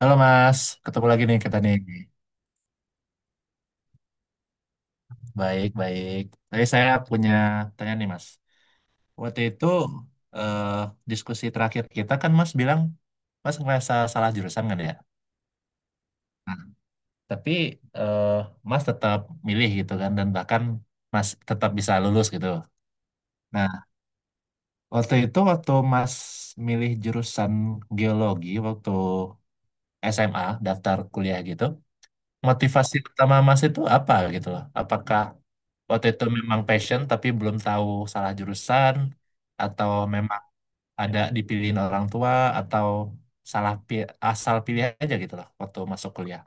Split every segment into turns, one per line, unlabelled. Halo Mas, ketemu lagi nih kita nih. Baik, baik. Tadi saya punya tanya nih Mas. Waktu itu eh, diskusi terakhir kita kan Mas bilang Mas ngerasa salah jurusan kan ya? Nah, tapi eh, Mas tetap milih gitu kan dan bahkan Mas tetap bisa lulus gitu. Nah, waktu itu waktu Mas milih jurusan geologi waktu SMA daftar kuliah gitu, motivasi utama Mas itu apa gitu loh? Apakah waktu itu memang passion tapi belum tahu salah jurusan atau memang ada dipilihin orang tua atau asal pilih aja gitu loh waktu masuk kuliah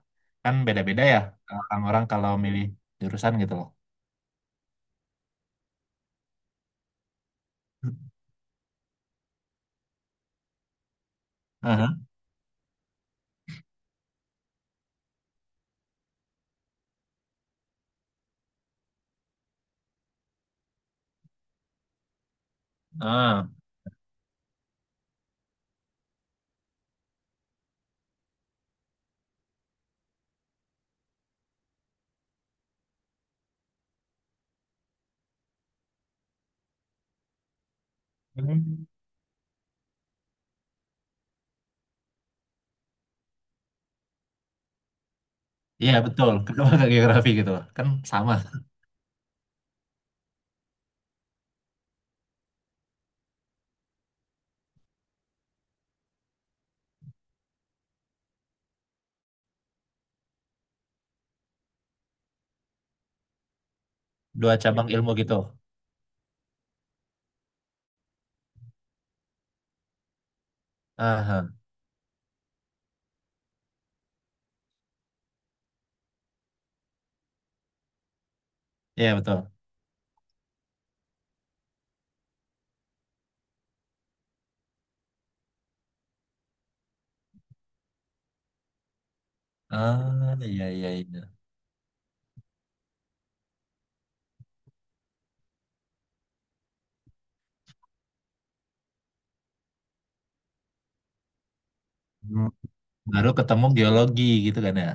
kan beda-beda ya, orang-orang kalau milih jurusan gitu loh. Aha. Ah. Hmm. Iya betul, kedua ke geografi gitu loh kan sama dua cabang ilmu gitu. Aha. Iya betul, ah iya iya iya. Hmm. Baru ketemu geologi gitu kan ya,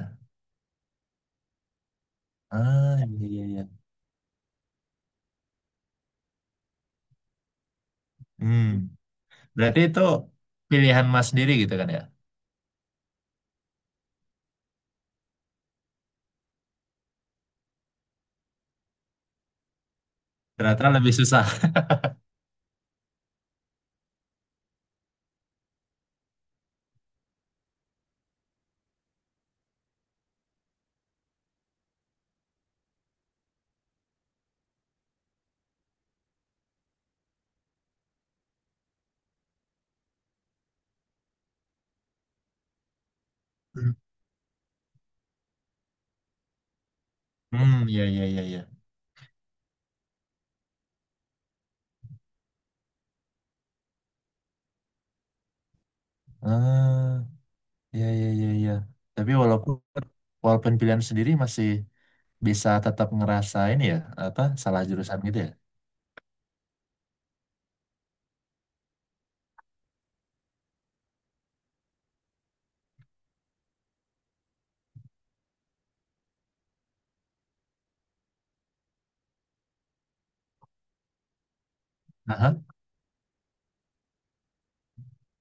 ah iya iya iya. Hmm. Berarti itu pilihan Mas sendiri gitu kan ya? Ternyata lebih susah. Hmm, ya ya ya ya. Ah, ya ya ya ya. Tapi walaupun walaupun pilihan sendiri masih bisa tetap ngerasain ya apa salah jurusan gitu ya. Aha,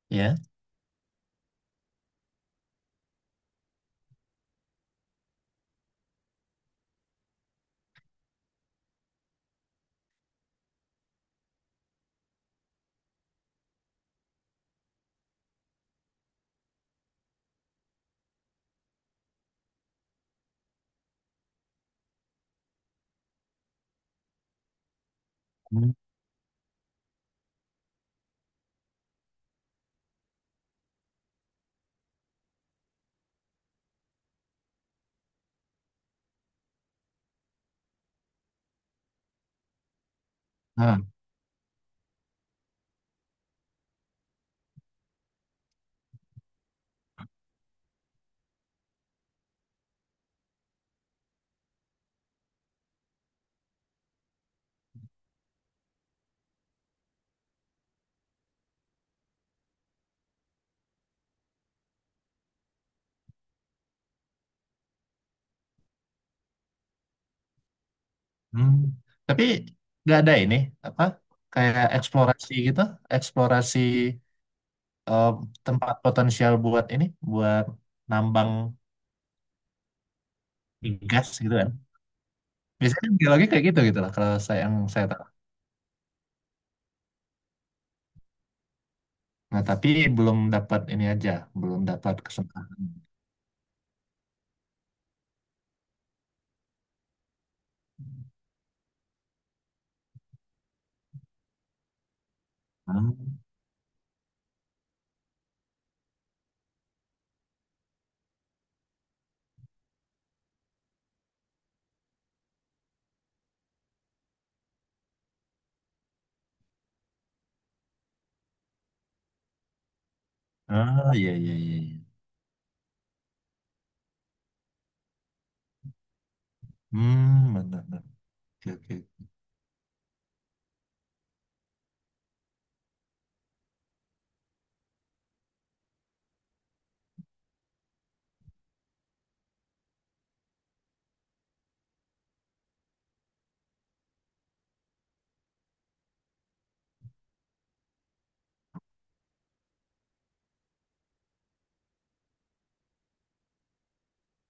ya. Hmm. Ah, hmm. Tapi nggak ada ini, apa kayak eksplorasi gitu, eksplorasi eh, tempat potensial buat ini buat nambang gas gitu kan. Biasanya biologi kayak gitu gitu lah kalau saya, yang saya tahu. Nah, tapi belum dapat ini aja, belum dapat kesempatan. Ah, ah, iya, iya, iya, iya. Hmm, benar, benar. Oke, oke.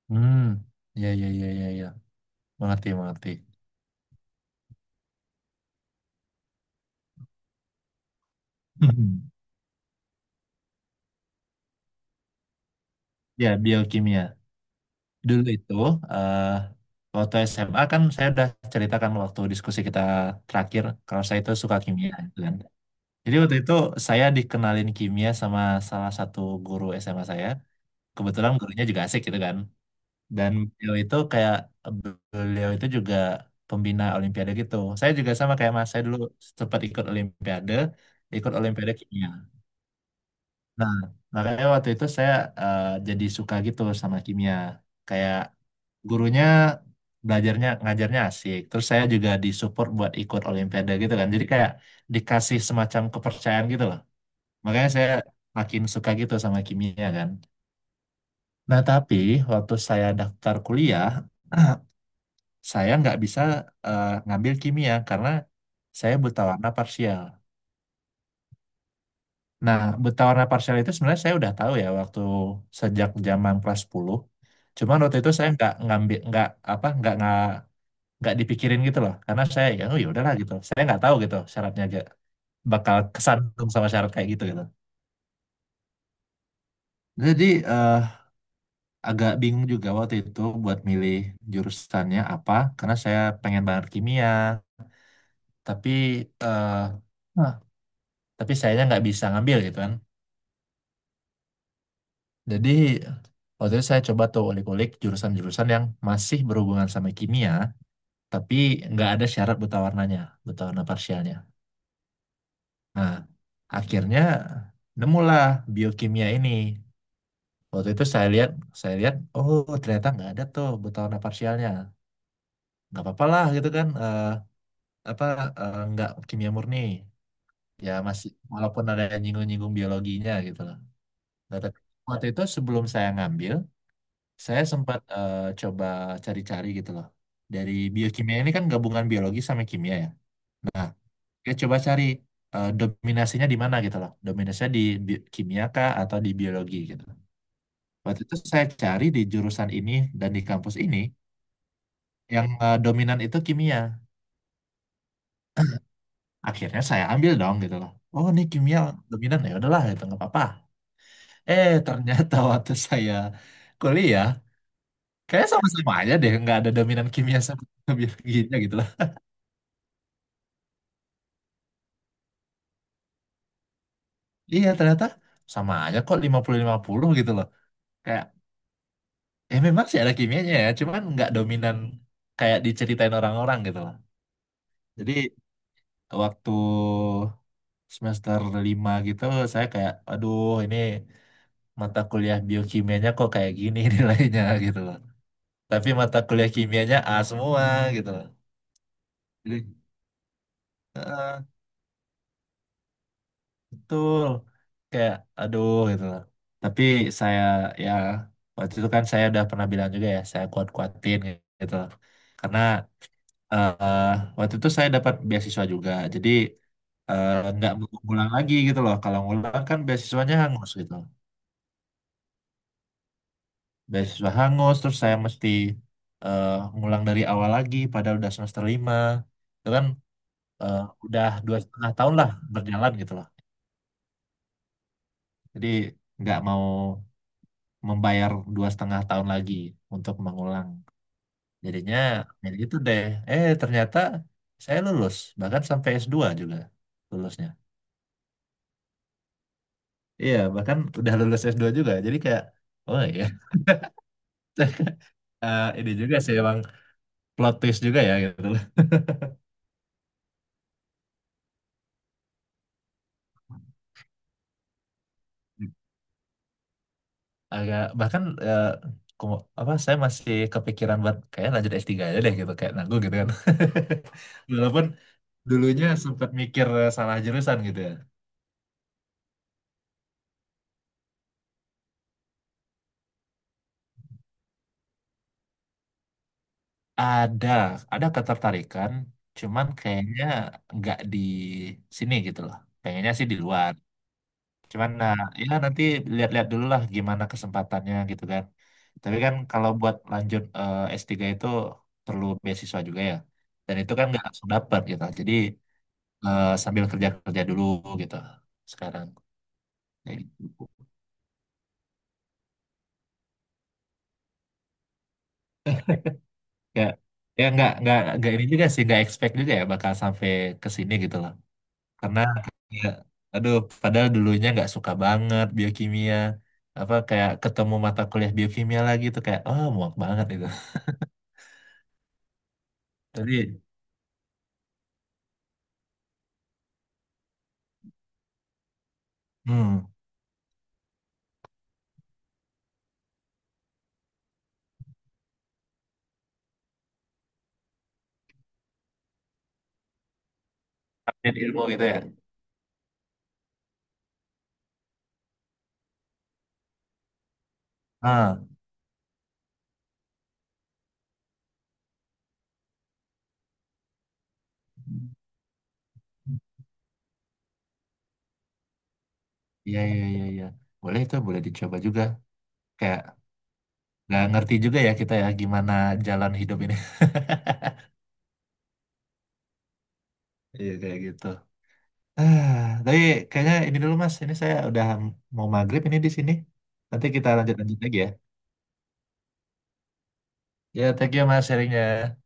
Hmm, iya, iya, iya, iya, iya. Mengerti, mengerti. Ya, biokimia. Dulu itu, eh waktu SMA kan saya udah ceritakan waktu diskusi kita terakhir, kalau saya itu suka kimia, gitu kan. Jadi waktu itu saya dikenalin kimia sama salah satu guru SMA saya. Kebetulan gurunya juga asik gitu kan. Dan beliau itu kayak beliau itu juga pembina Olimpiade gitu. Saya juga sama kayak Mas, saya dulu sempat ikut Olimpiade kimia. Nah, makanya waktu itu saya jadi suka gitu sama kimia. Kayak gurunya, ngajarnya asik. Terus saya juga disupport buat ikut Olimpiade gitu kan. Jadi kayak dikasih semacam kepercayaan gitu loh. Makanya saya makin suka gitu sama kimia kan. Nah, tapi waktu saya daftar kuliah, saya nggak bisa ngambil kimia karena saya buta warna parsial. Nah, buta warna parsial itu sebenarnya saya udah tahu ya, waktu sejak zaman kelas 10. Cuman waktu itu saya nggak ngambil nggak apa nggak dipikirin gitu loh, karena saya ya, oh ya udahlah gitu. Saya nggak tahu gitu syaratnya aja bakal kesandung sama syarat kayak gitu gitu. Jadi eh, agak bingung juga waktu itu buat milih jurusannya apa, karena saya pengen banget kimia tapi eh, tapi sayanya nggak bisa ngambil gitu kan. Jadi waktu itu saya coba tuh ulik-ulik jurusan-jurusan yang masih berhubungan sama kimia tapi nggak ada syarat buta warnanya, buta warna parsialnya. Nah, akhirnya nemulah biokimia ini. Waktu itu saya lihat, oh ternyata nggak ada tuh buta warna parsialnya, nggak apa-apa lah gitu kan, apa nggak kimia murni ya, masih walaupun ada yang nyinggung-nyinggung biologinya gitu lah. Nah, tapi waktu itu sebelum saya ngambil, saya sempat coba cari-cari gitu loh. Dari biokimia ini kan gabungan biologi sama kimia ya. Saya coba cari dominasinya di mana gitu loh. Dominasinya di kimia kah atau di biologi gitu. Waktu itu saya cari di jurusan ini dan di kampus ini, yang dominan itu kimia. Akhirnya saya ambil dong gitu loh. Oh, ini kimia dominan, ya udahlah itu nggak apa-apa. Ternyata waktu saya kuliah kayaknya sama-sama aja deh, nggak ada dominan kimia sama biologinya gitu. Iya ternyata sama aja kok, 50-50 gitu loh. Kayak ya memang sih ada kimianya ya, cuman nggak dominan kayak diceritain orang-orang gitu loh. Jadi waktu semester 5 gitu saya kayak, aduh, ini mata kuliah biokimianya kok kayak gini nilainya gitu loh. Tapi mata kuliah kimianya A semua gitu loh. Jadi betul kayak aduh gitu loh, tapi saya ya, waktu itu kan saya udah pernah bilang juga ya, saya kuat-kuatin gitu loh karena eh, waktu itu saya dapat beasiswa juga, jadi nggak mau ngulang lagi gitu loh, kalau ngulang kan beasiswanya hangus gitu, beasiswa hangus terus saya mesti eh, ngulang dari awal lagi padahal udah semester 5 itu kan, eh, udah 2,5 tahun lah berjalan gitu loh, jadi nggak mau membayar 2,5 tahun lagi untuk mengulang. Jadinya ya gitu deh. Ternyata saya lulus bahkan sampai S2 juga lulusnya. Iya bahkan udah lulus S2 juga. Jadi kayak oh iya. Ini juga sih emang plot twist juga ya gitu loh. Agak bahkan eh, apa, saya masih kepikiran buat kayak lanjut S3 aja deh gitu, kayak nanggung gitu kan. Walaupun dulunya sempat mikir salah jurusan gitu ya. Ada, ada ketertarikan, cuman kayaknya nggak di sini gitu loh. Pengennya sih di luar. Cuman nah, ya nanti lihat-lihat dulu lah gimana kesempatannya gitu kan. Tapi kan kalau buat lanjut S3 itu perlu beasiswa juga ya. Dan itu kan nggak langsung dapat gitu. Jadi sambil kerja-kerja dulu gitu sekarang. Kayak gitu. Ya, ya nggak ini juga sih nggak expect juga ya bakal sampai ke sini gitu loh, karena ya, aduh, padahal dulunya nggak suka banget biokimia, apa kayak ketemu mata kuliah biokimia lagi tuh kayak oh muak banget itu. Tapi hmm update ilmu gitu ya, ah iya iya iya iya, boleh itu boleh dicoba juga. Kayak nggak ngerti juga ya kita ya, gimana jalan hidup ini. Iya kayak gitu. Ah, tapi kayaknya ini dulu Mas, ini saya udah mau maghrib ini di sini, nanti kita lanjut lanjut lagi ya. Ya, thank you Mas sharingnya.